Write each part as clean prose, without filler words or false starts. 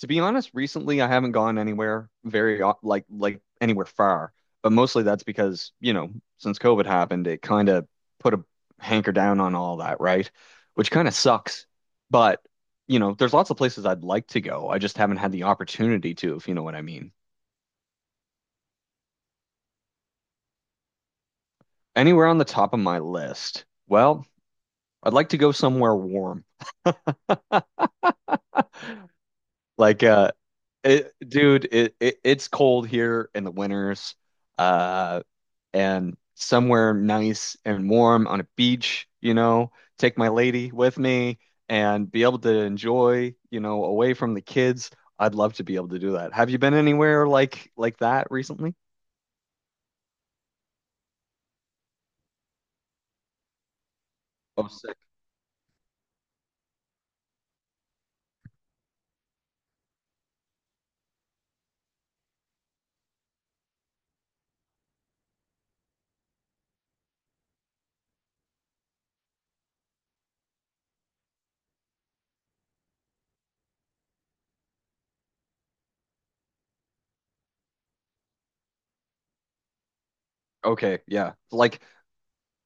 To be honest, recently I haven't gone anywhere very o- like anywhere far, but mostly that's because, since COVID happened, it kind of put a hanker down on all that, right? Which kind of sucks. But, you know, there's lots of places I'd like to go. I just haven't had the opportunity to, if you know what I mean. Anywhere on the top of my list. Well, I'd like to go somewhere warm. Like uh it, dude, it's cold here in the winters. Uh and somewhere nice and warm on a beach, you know, take my lady with me and be able to enjoy, you know, away from the kids. I'd love to be able to do that. Have you been anywhere like that recently? Oh, sick. Okay, yeah. Like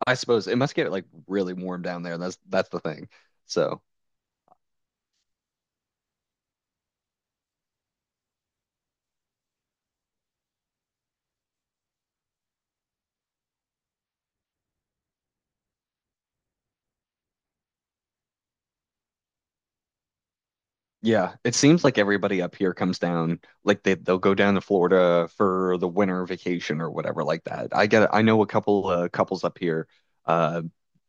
I suppose it must get like really warm down there. That's the thing. So. Yeah, it seems like everybody up here comes down, like they'll go down to Florida for the winter vacation or whatever like that. I know a couple couples up here. Uh,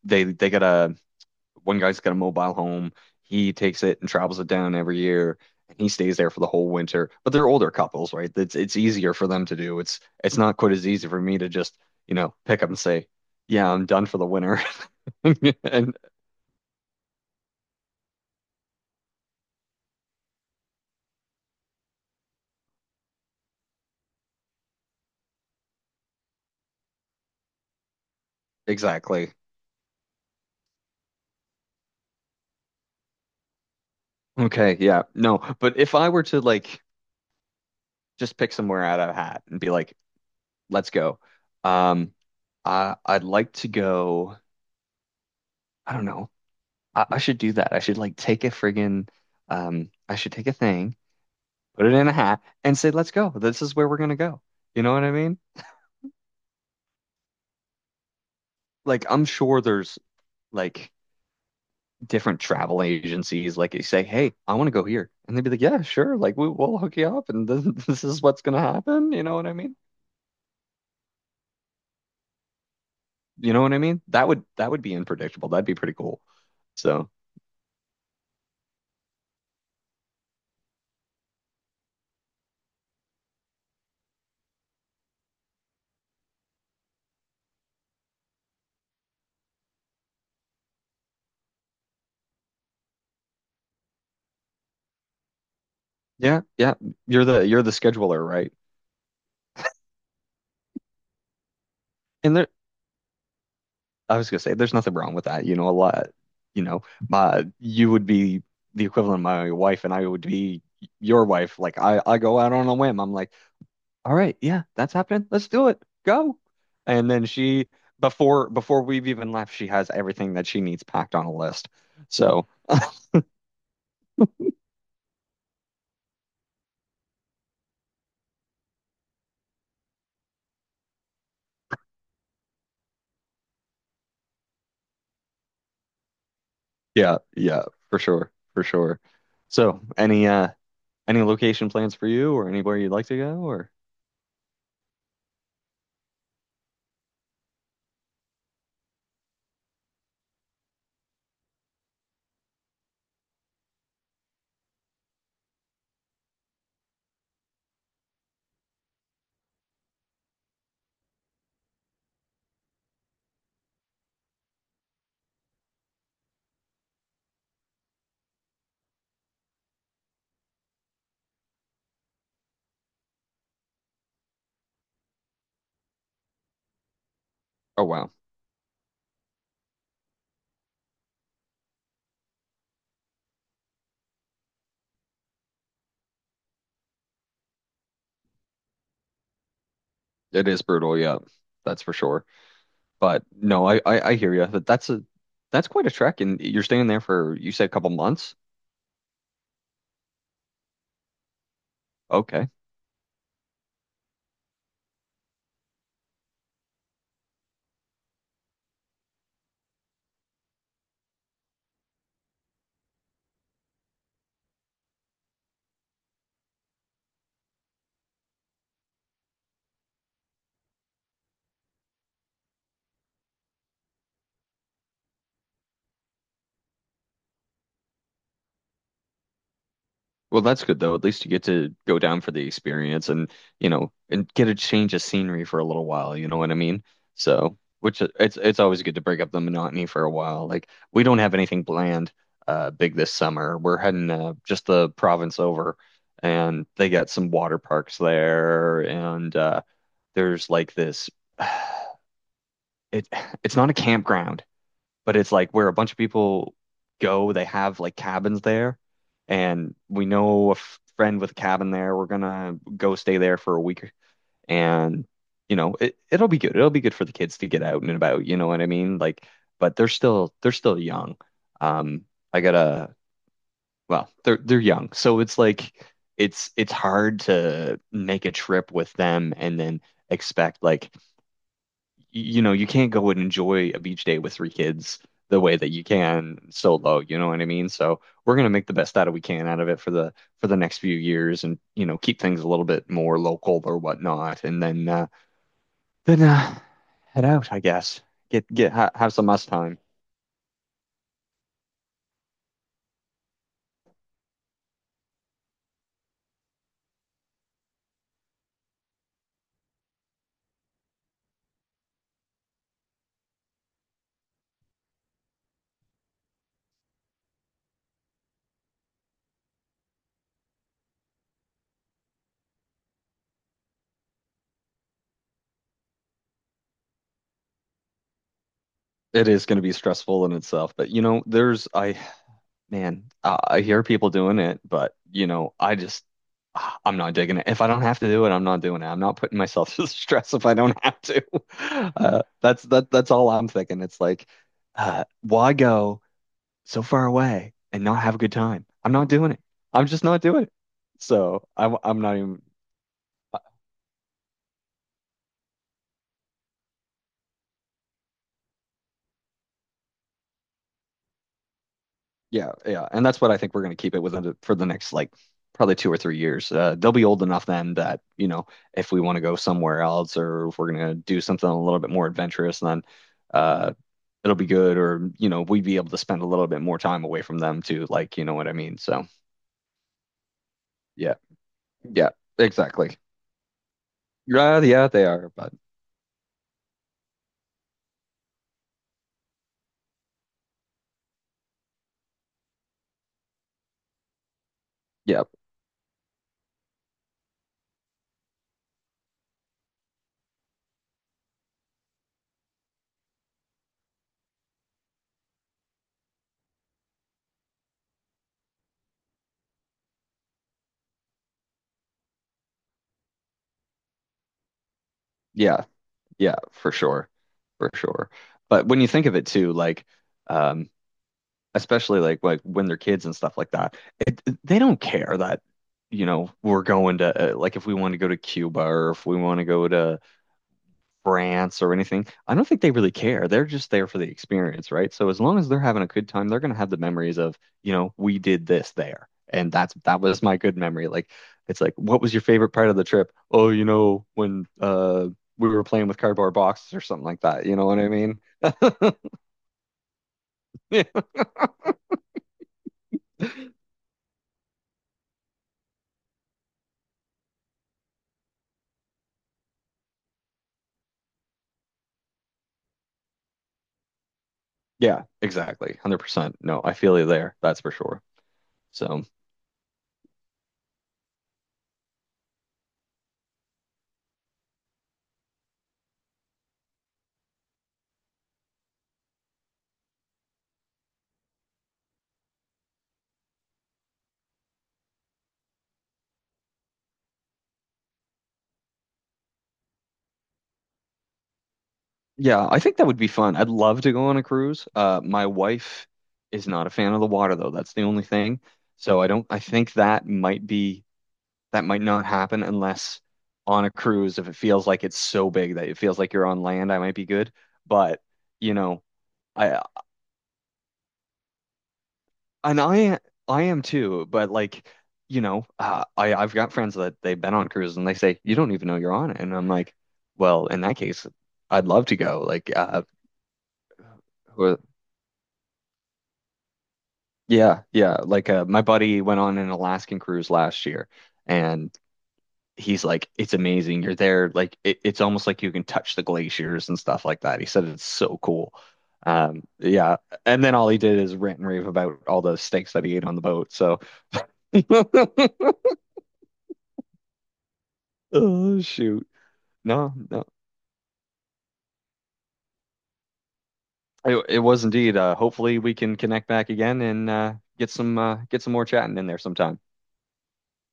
they got a one guy's got a mobile home. He takes it and travels it down every year, and he stays there for the whole winter. But they're older couples, right? It's easier for them to do. It's not quite as easy for me to just, you know, pick up and say, "Yeah, I'm done for the winter." And exactly. Okay, yeah. No, but if I were to like just pick somewhere out of a hat and be like, let's go. Um, I'd like to go. I don't know. I should do that. I should like take a friggin' I should take a thing, put it in a hat, and say, let's go. This is where we're gonna go. You know what I mean? Like I'm sure there's like different travel agencies. Like you say, hey, I want to go here, and they'd be like, yeah, sure. Like we'll hook you up, and this, this is what's gonna happen. You know what I mean? You know what I mean? That would be unpredictable. That'd be pretty cool. So. Yeah, yeah. You're the scheduler, right? And there I was gonna say there's nothing wrong with that. You know, a lot, you know, my You would be the equivalent of my wife and I would be your wife. Like I go out on a whim. I'm like, all right, yeah, that's happening. Let's do it. Go. And then she before we've even left, she has everything that she needs packed on a list. So yeah, yeah, for sure. For sure. So any location plans for you or anywhere you'd like to go or oh wow. It is brutal, yeah, that's for sure. But no, I hear you. But that's a that's quite a trek, and you're staying there for you said a couple months. Okay, well that's good though. At least you get to go down for the experience, and you know, and get a change of scenery for a little while. You know what I mean? So, which it's always good to break up the monotony for a while. Like we don't have anything planned big this summer. We're heading just the province over, and they got some water parks there, and there's like this. it it's not a campground, but it's like where a bunch of people go. They have like cabins there, and we know a friend with a cabin there. We're gonna go stay there for a week, and you know it'll be good. It'll be good for the kids to get out and about. You know what I mean? Like, but they're still young. Um, I gotta they're young, so it's like it's hard to make a trip with them and then expect like you know, you can't go and enjoy a beach day with three kids the way that you can solo, you know what I mean? So we're gonna make the best out of we can out of it for the next few years and you know, keep things a little bit more local or whatnot and then then uh head out, I guess. Get ha have some us time. It is gonna be stressful in itself, but you know, there's I Man, I hear people doing it, but you know, I'm not digging it. If I don't have to do it, I'm not doing it. I'm not putting myself through the stress if I don't have to. That's all I'm thinking. It's like, why go so far away and not have a good time? I'm not doing it. I'm just not doing it. So I'm not even. Yeah, yeah, and that's what I think we're going to keep it within the, for the next like probably 2 or 3 years. They'll be old enough then that you know if we want to go somewhere else or if we're going to do something a little bit more adventurous, then uh, it'll be good. Or you know we'd be able to spend a little bit more time away from them too. Like you know what I mean? So yeah, yeah, exactly. Yeah, yeah, they are, but yeah, yeah, yeah, for sure, for sure. But when you think of it too, like um, especially like when they're kids and stuff like that. They don't care that, you know, we're going to like if we want to go to Cuba or if we want to go to France or anything. I don't think they really care. They're just there for the experience, right? So as long as they're having a good time, they're going to have the memories of, you know, we did this there. And that's that was my good memory. Like it's like, what was your favorite part of the trip? Oh, you know, when we were playing with cardboard boxes or something like that. You know what I mean? Yeah, exactly. 100%. No, I feel you there. That's for sure. So, yeah, I think that would be fun. I'd love to go on a cruise. My wife is not a fan of the water, though. That's the only thing. So, I don't, I think that might be, that might not happen unless on a cruise, if it feels like it's so big that it feels like you're on land, I might be good. But, you know, I, And I I am too, but like, you know, I've got friends that they've been on cruises and they say you don't even know you're on it, and I'm like, well, in that case, I'd love to go. Like, who- yeah, yeah. Like, my buddy went on an Alaskan cruise last year, and he's like, it's amazing. You're there, like it's almost like you can touch the glaciers and stuff like that. He said it's so cool. Yeah, and then all he did is rant and rave about all the steaks that he ate on the boat. So, oh shoot. No, no, it was indeed. Hopefully, we can connect back again and get some more chatting in there sometime.